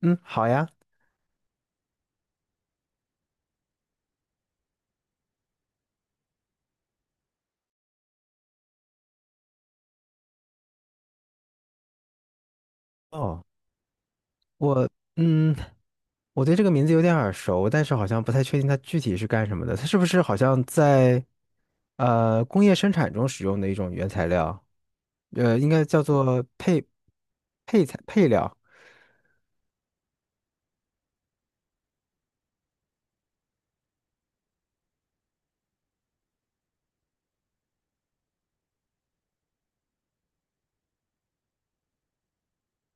嗯，好呀。哦，嗯，我对这个名字有点耳熟，但是好像不太确定它具体是干什么的。它是不是好像在工业生产中使用的一种原材料？呃,应该叫做配料。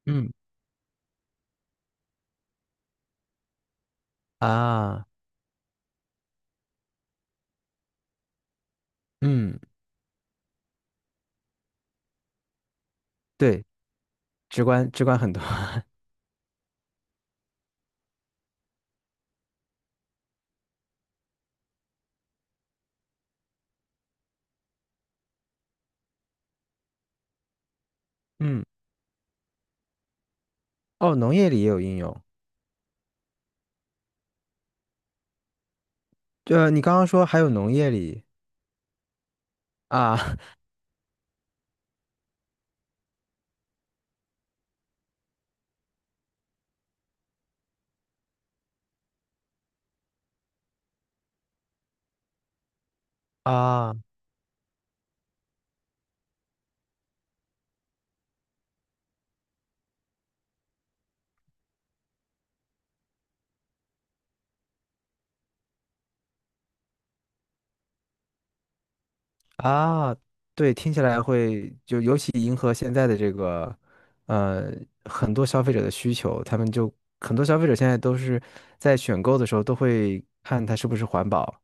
嗯啊，嗯，对，直观很多。嗯，哦，农业里也有应用。呃，你刚刚说还有农业里啊 啊。啊，对，听起来会就尤其迎合现在的这个，呃，很多消费者的需求，他们就很多消费者现在都是在选购的时候都会看它是不是环保。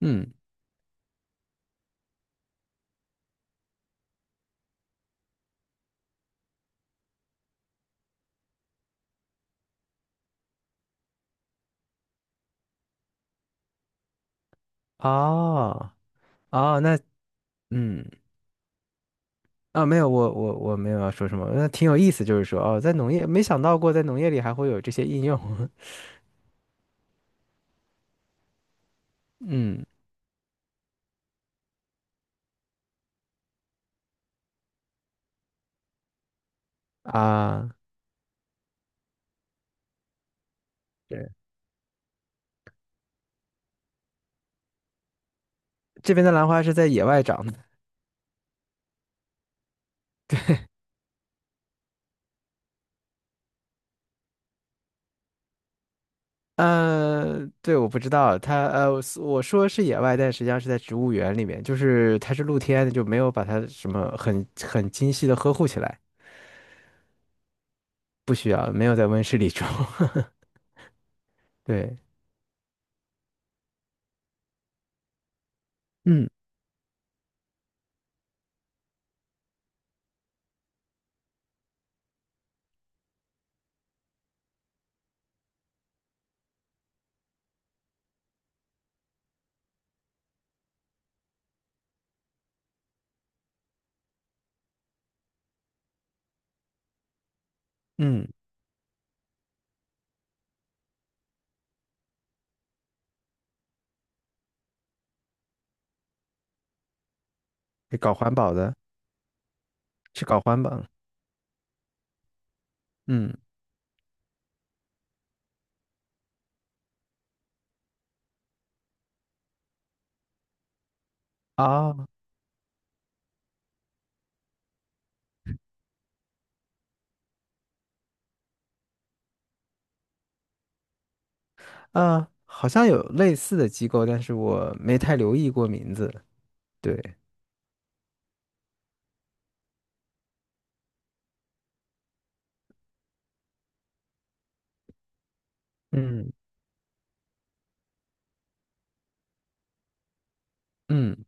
嗯，哦，哦，那嗯啊，没有，我没有要说什么，那挺有意思，就是说哦，在农业没想到过在农业里还会有这些应用。嗯啊，对，这边的兰花是在野外长的。对，我不知道，他，我说是野外，但实际上是在植物园里面，就是它是露天的，就没有把它什么很精细的呵护起来，不需要，没有在温室里种。对，嗯嗯，是搞环保的，是搞环保的，嗯啊啊，好像有类似的机构，但是我没太留意过名字。对，嗯嗯，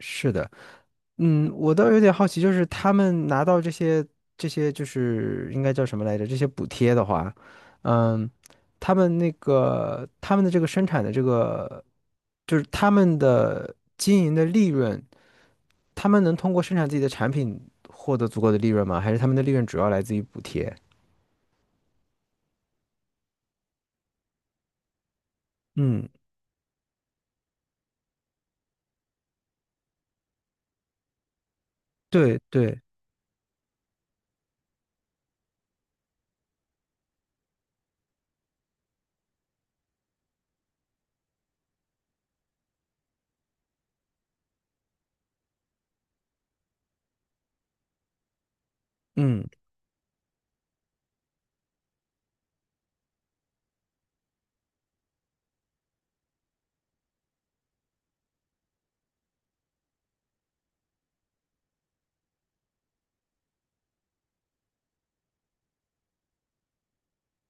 是的。嗯，我倒有点好奇，就是他们拿到这些就是应该叫什么来着？这些补贴的话，嗯，他们的这个生产的这个，就是他们的经营的利润，他们能通过生产自己的产品获得足够的利润吗？还是他们的利润主要来自于补贴？嗯，对，嗯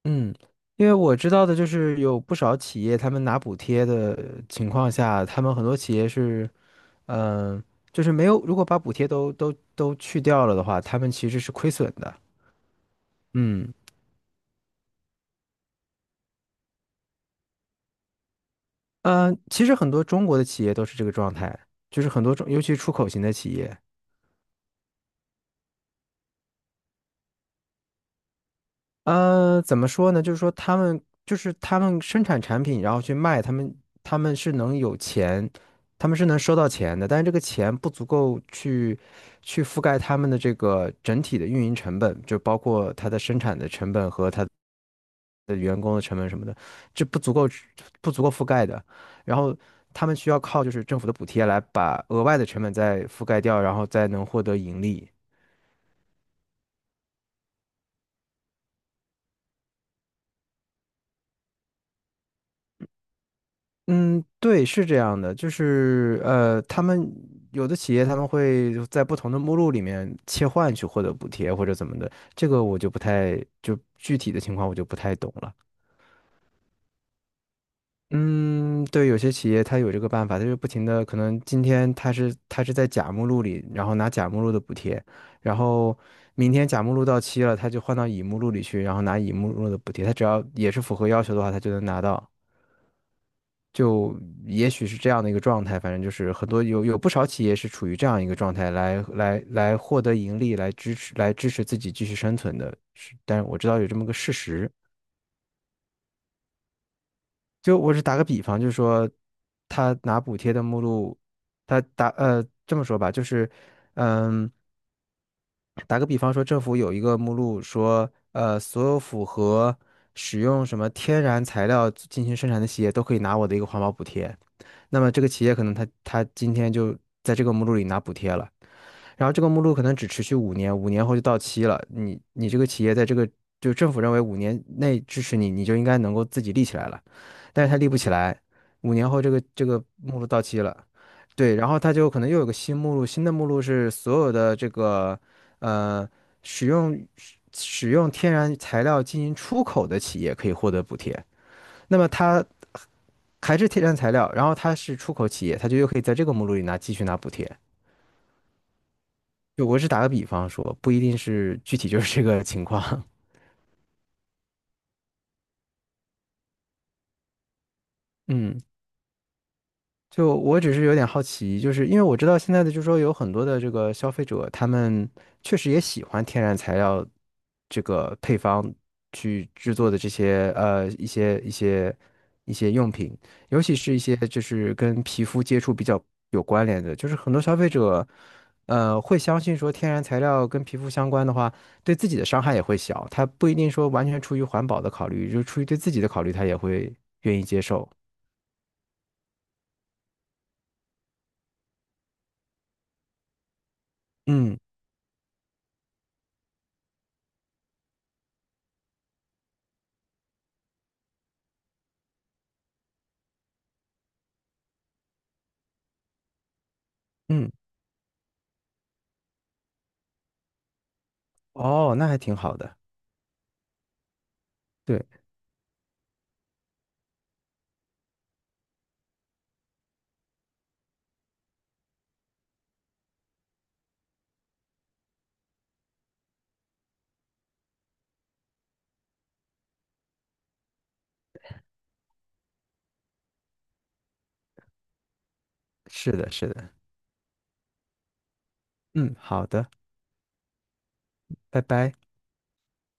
嗯，因为我知道的就是有不少企业，他们拿补贴的情况下，他们很多企业是。嗯，就是没有，如果把补贴都去掉了的话，他们其实是亏损的。嗯，呃，其实很多中国的企业都是这个状态，就是很多中，尤其出口型的企业，呃，怎么说呢？就是说他们生产产品，然后去卖，他们是能有钱，他们是能收到钱的，但是这个钱不足够去覆盖他们的这个整体的运营成本，就包括它的生产的成本和它的员工的成本什么的，这不足够覆盖的。然后他们需要靠就是政府的补贴来把额外的成本再覆盖掉，然后再能获得盈利。嗯，对，是这样的，就是呃，他们有的企业他们会在不同的目录里面切换去获得补贴或者怎么的，这个我就不太，就具体的情况我就不太懂了。嗯，对，有些企业它有这个办法，它就不停的，可能今天它是在甲目录里，然后拿甲目录的补贴，然后明天甲目录到期了，他就换到乙目录里去，然后拿乙目录的补贴，他只要也是符合要求的话，他就能拿到。就也许是这样的一个状态，反正就是很多有有不少企业是处于这样一个状态来获得盈利，来支持自己继续生存的。是，但是我知道有这么个事实。就我是打个比方，就是说他拿补贴的目录，这么说吧，就是嗯，打个比方说，政府有一个目录说，呃，所有符合使用什么天然材料进行生产的企业都可以拿我的一个环保补贴。那么这个企业可能他今天就在这个目录里拿补贴了。然后这个目录可能只持续五年，五年后就到期了。你这个企业在这个就政府认为五年内支持你，你就应该能够自己立起来了，但是他立不起来，五年后这个目录到期了，对，然后他就可能又有个新目录，新的目录是所有的这个呃使用天然材料进行出口的企业可以获得补贴，那么它还是天然材料，然后它是出口企业，它就又可以在这个目录里继续拿补贴。就我只打个比方说，不一定是具体就是这个情况。嗯，就我只是有点好奇，就是因为我知道现在的，就是说有很多的这个消费者，他们确实也喜欢天然材料这个配方去制作的这些呃一些用品，尤其是一些就是跟皮肤接触比较有关联的，就是很多消费者呃会相信说天然材料跟皮肤相关的话，对自己的伤害也会小，他不一定说完全出于环保的考虑，就出于对自己的考虑，他也会愿意接受。嗯嗯。哦，那还挺好的。对，是的，是的。嗯，好的，拜拜。